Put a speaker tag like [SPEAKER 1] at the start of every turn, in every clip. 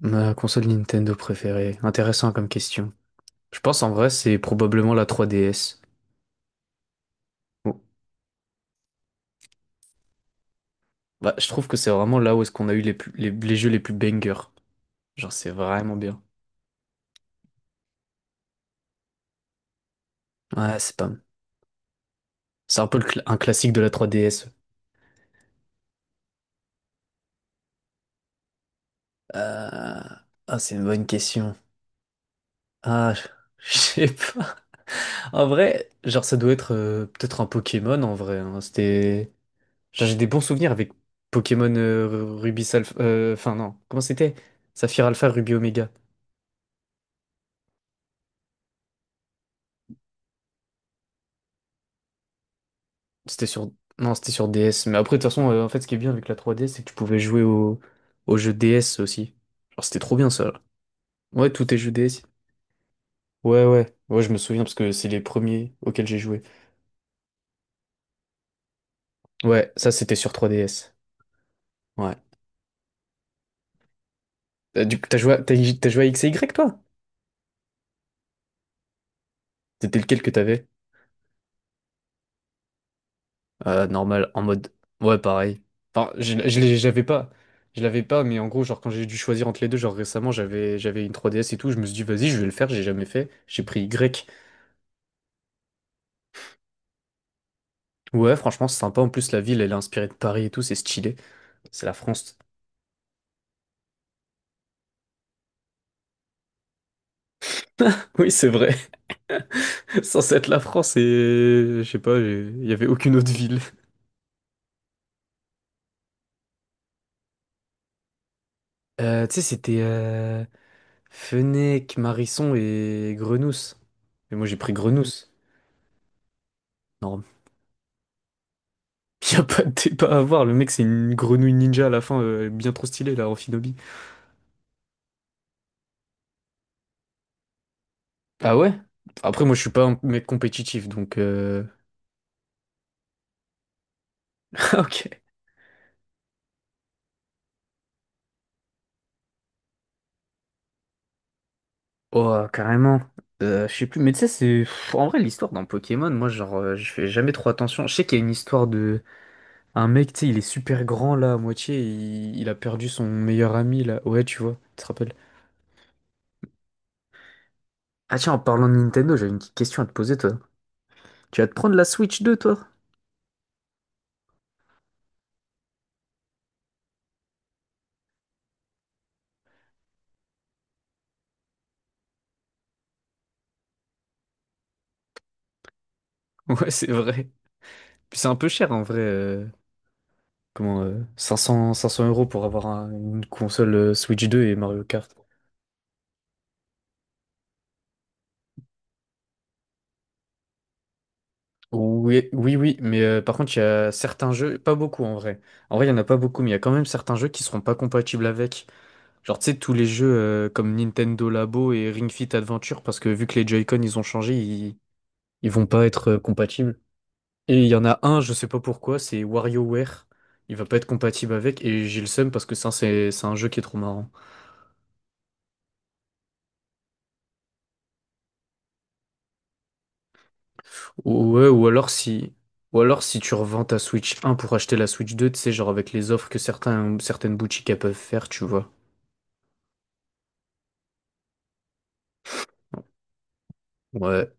[SPEAKER 1] Ma console Nintendo préférée. Intéressant comme question. Je pense en vrai c'est probablement la 3DS. Bon, bah, je trouve que c'est vraiment là où est-ce qu'on a eu les jeux les plus bangers. Genre c'est vraiment bien. Ouais, c'est pas... C'est un peu un classique de la 3DS. Euh, Ah, c'est une bonne question. Ah, je je sais pas. En vrai, genre ça doit être peut-être un Pokémon en vrai, hein. C'était... Genre j'ai des bons souvenirs avec Pokémon Ruby Alpha... Enfin non, comment c'était? Saphir Alpha, Ruby Omega. C'était sur... Non, c'était sur DS. Mais après, de toute façon, en fait, ce qui est bien avec la 3DS, c'est que tu pouvais jouer au jeu DS aussi. Genre, c'était trop bien ça, là. Ouais, tous tes jeux DS. Ouais, ouais. Ouais, je me souviens parce que c'est les premiers auxquels j'ai joué. Ouais, ça, c'était sur 3DS. Ouais. Du coup, t'as joué à X et Y, toi? C'était lequel que t'avais? Normal, en mode. Ouais, pareil. Enfin, je l'avais pas. Je l'avais pas, mais en gros, genre, quand j'ai dû choisir entre les deux, genre récemment, j'avais une 3DS et tout, je me suis dit, vas-y, je vais le faire, j'ai jamais fait. J'ai pris Y. Ouais, franchement, c'est sympa. En plus, la ville, elle est inspirée de Paris et tout, c'est stylé. C'est la France. Oui, c'est vrai. Sans être la France, et je sais pas, il y avait aucune autre ville. Tu sais, c'était Fenech, Marisson et Grenousse. Mais moi, j'ai pris Grenousse. Non, y a pas de débat à voir. Le mec, c'est une grenouille ninja à la fin, bien trop stylée, là, en Shinobi. Ah ouais? Après, moi, je suis pas un mec compétitif, donc... Ah, ok. Oh, carrément. Je sais plus, mais tu sais, En vrai, l'histoire dans Pokémon, moi, genre, je fais jamais trop attention. Je sais qu'il y a une histoire de. Un mec, tu sais, il est super grand là, à moitié, il a perdu son meilleur ami là. Ouais, tu vois, tu te rappelles. Ah, tiens, en parlant de Nintendo, j'avais une petite question à te poser, toi. Tu vas te prendre la Switch 2, toi? Ouais, c'est vrai. Puis c'est un peu cher en vrai. Comment, cinq cents euros pour avoir une console, Switch 2 et Mario Kart. Oui, oui, oui, mais par contre, il y a certains jeux, pas beaucoup en vrai. En vrai, il y en a pas beaucoup, mais il y a quand même certains jeux qui seront pas compatibles avec. Genre, tu sais, tous les jeux comme Nintendo Labo et Ring Fit Adventure, parce que vu que les Joy-Con ils ont changé, ils vont pas être compatibles. Et il y en a un, je sais pas pourquoi, c'est WarioWare. Il va pas être compatible avec, et j'ai le seum parce que ça, c'est un jeu qui est trop marrant. Ouais, ou alors si. Ou alors si tu revends ta Switch 1 pour acheter la Switch 2, tu sais, genre avec les offres que certains, certaines boutiques elles peuvent faire, tu vois. Ouais.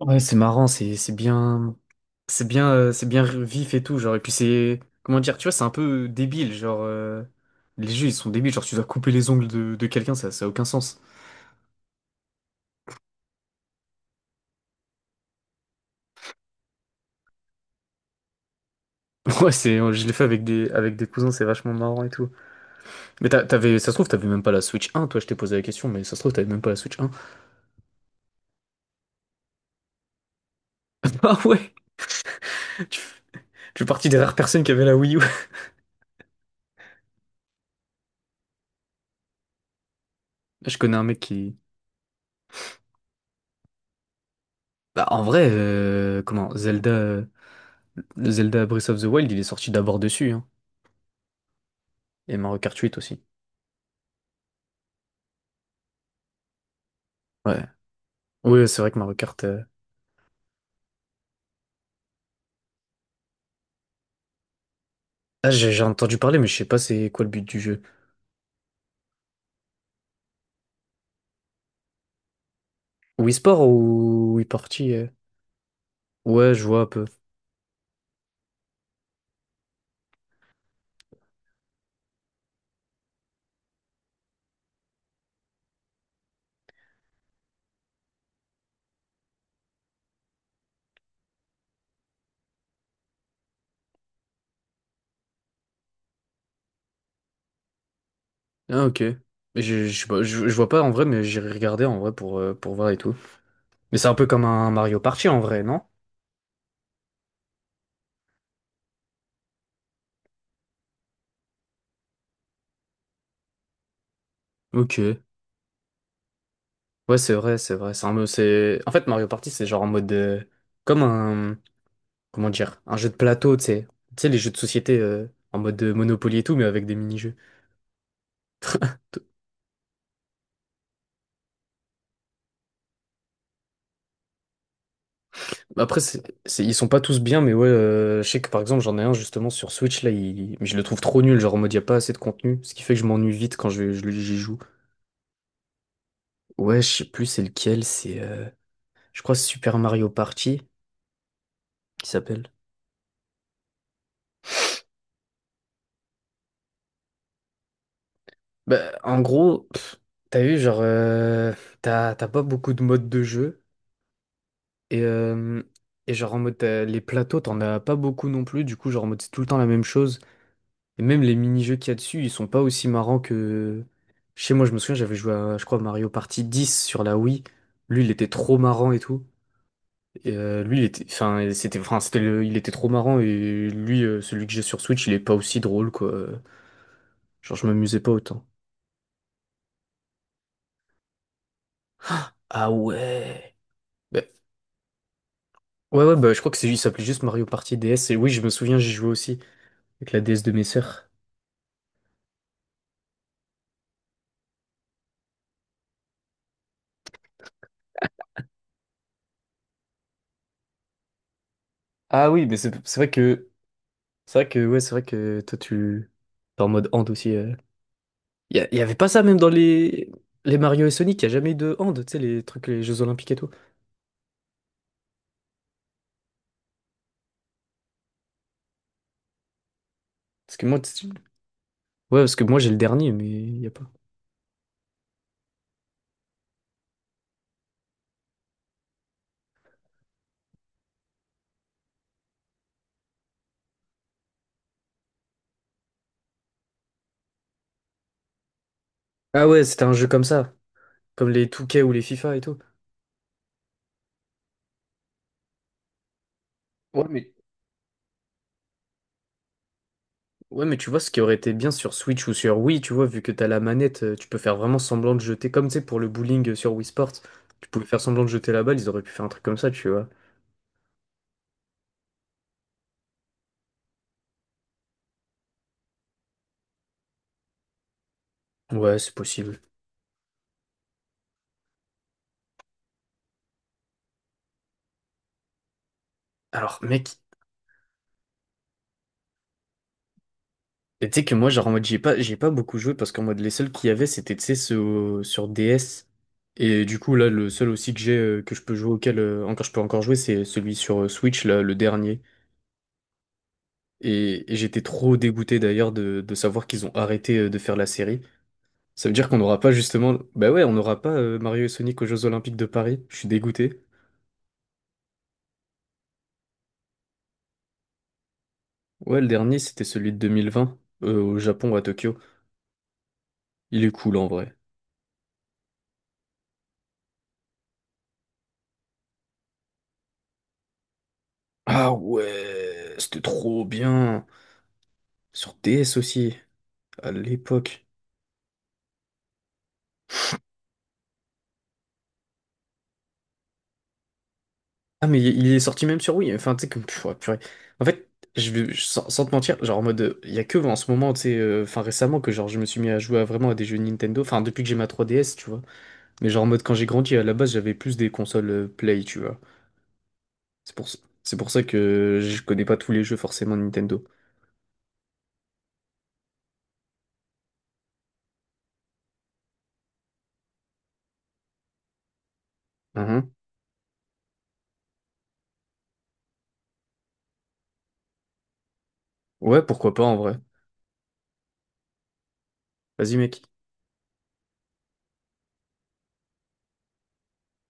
[SPEAKER 1] Ouais, c'est marrant, c'est bien vif et tout genre et puis c'est comment dire, tu vois, c'est un peu débile genre les jeux ils sont débiles genre tu dois couper les ongles de quelqu'un, ça a aucun sens. Ouais, c'est je l'ai fait avec des cousins, c'est vachement marrant et tout. Mais t'avais, ça se trouve t'avais même pas la Switch 1, toi, je t'ai posé la question mais ça se trouve t'avais même pas la Switch 1. Ah ouais. Tu, tu fais partie des rares personnes qui avaient la Wii U. Je connais un mec qui... Bah, en vrai, comment, Zelda Breath of the Wild, il est sorti d'abord dessus, hein. Et Mario Kart 8 aussi. Ouais. Oui, c'est vrai que Mario Kart. Ah, j'ai entendu parler, mais je sais pas c'est quoi le but du jeu. Wii Sport ou Wii Party? Ouais, je vois un peu. Ah, ok. Mais je sais pas, je vois pas en vrai, mais j'irai regarder en vrai pour voir et tout. Mais c'est un peu comme un Mario Party en vrai, non? Ok. Ouais, c'est vrai, c'est vrai. C'est un c'est... En fait, Mario Party, c'est genre en mode, comme un. Comment dire? Un jeu de plateau, tu sais. Tu sais, les jeux de société, en mode, Monopoly et tout, mais avec des mini-jeux. Après, c'est, ils sont pas tous bien, mais ouais, je sais que par exemple, j'en ai un justement sur Switch, là, mais je le trouve trop nul, genre en mode, y a pas assez de contenu, ce qui fait que je m'ennuie vite quand j'y joue. Ouais, je sais plus c'est lequel, je crois Super Mario Party, qui s'appelle. Bah, en gros, t'as vu, genre, t'as pas beaucoup de modes de jeu, et, euh, et genre en mode, les plateaux, t'en as pas beaucoup non plus, du coup, genre en mode, c'est tout le temps la même chose. Et même les mini-jeux qu'il y a dessus, ils sont pas aussi marrants que... Chez moi, je me souviens, j'avais joué à, je crois, Mario Party 10 sur la Wii. Lui, il était trop marrant et tout. Et, lui, il était... Enfin, c'était... Enfin, Il était trop marrant et lui, celui que j'ai sur Switch, il est pas aussi drôle, quoi. Genre, je m'amusais pas autant. Ah ouais! Bah, ouais, ouais, bah, je crois que c'est... il s'appelait juste Mario Party DS. Et oui, je me souviens, j'y jouais aussi avec la DS de mes sœurs. Ah oui, mais c'est vrai que... C'est vrai que, ouais, c'est vrai que toi, tu... T'es en mode hand aussi. Il y avait pas ça même dans les Mario et Sonic, il y a jamais eu de hand, tu sais, les trucs, les Jeux Olympiques et tout. Parce que moi, ouais, parce que moi j'ai le dernier, mais il y a pas. Ah ouais, c'était un jeu comme ça, comme les 2K ou les FIFA et tout. Ouais, mais... Ouais, mais tu vois, ce qui aurait été bien sur Switch ou sur Wii, tu vois, vu que t'as la manette, tu peux faire vraiment semblant de jeter, comme tu sais, pour le bowling, sur Wii Sports, tu pouvais faire semblant de jeter la balle, ils auraient pu faire un truc comme ça, tu vois. Ouais, c'est possible. Alors, mec, et tu sais que moi, genre en mode, j'ai pas beaucoup joué parce qu'en mode, les seuls qu'il y avait, c'était, tu sais, sur DS. Et du coup, là, le seul aussi que j'ai, que je peux jouer, auquel encore, je peux encore jouer, c'est celui sur Switch, là, le dernier. Et j'étais trop dégoûté d'ailleurs de savoir qu'ils ont arrêté de faire la série. Ça veut dire qu'on n'aura pas justement. Bah ouais, on n'aura pas, Mario et Sonic aux Jeux Olympiques de Paris. Je suis dégoûté. Ouais, le dernier, c'était celui de 2020, au Japon, à Tokyo. Il est cool en vrai. Ah ouais, c'était trop bien. Sur DS aussi. À l'époque. Ah, mais il est sorti même sur Wii. Enfin, tu sais, comme... Ouais, purée. En fait, sans te mentir, genre en mode, il y a que en ce moment, tu sais, enfin récemment, que genre je me suis mis à jouer à, vraiment à des jeux Nintendo. Enfin, depuis que j'ai ma 3DS, tu vois. Mais genre en mode, quand j'ai grandi, à la base, j'avais plus des consoles, Play, tu vois. C'est pour ça que je connais pas tous les jeux forcément Nintendo. Mhm. Ouais, pourquoi pas en vrai. Vas-y, mec.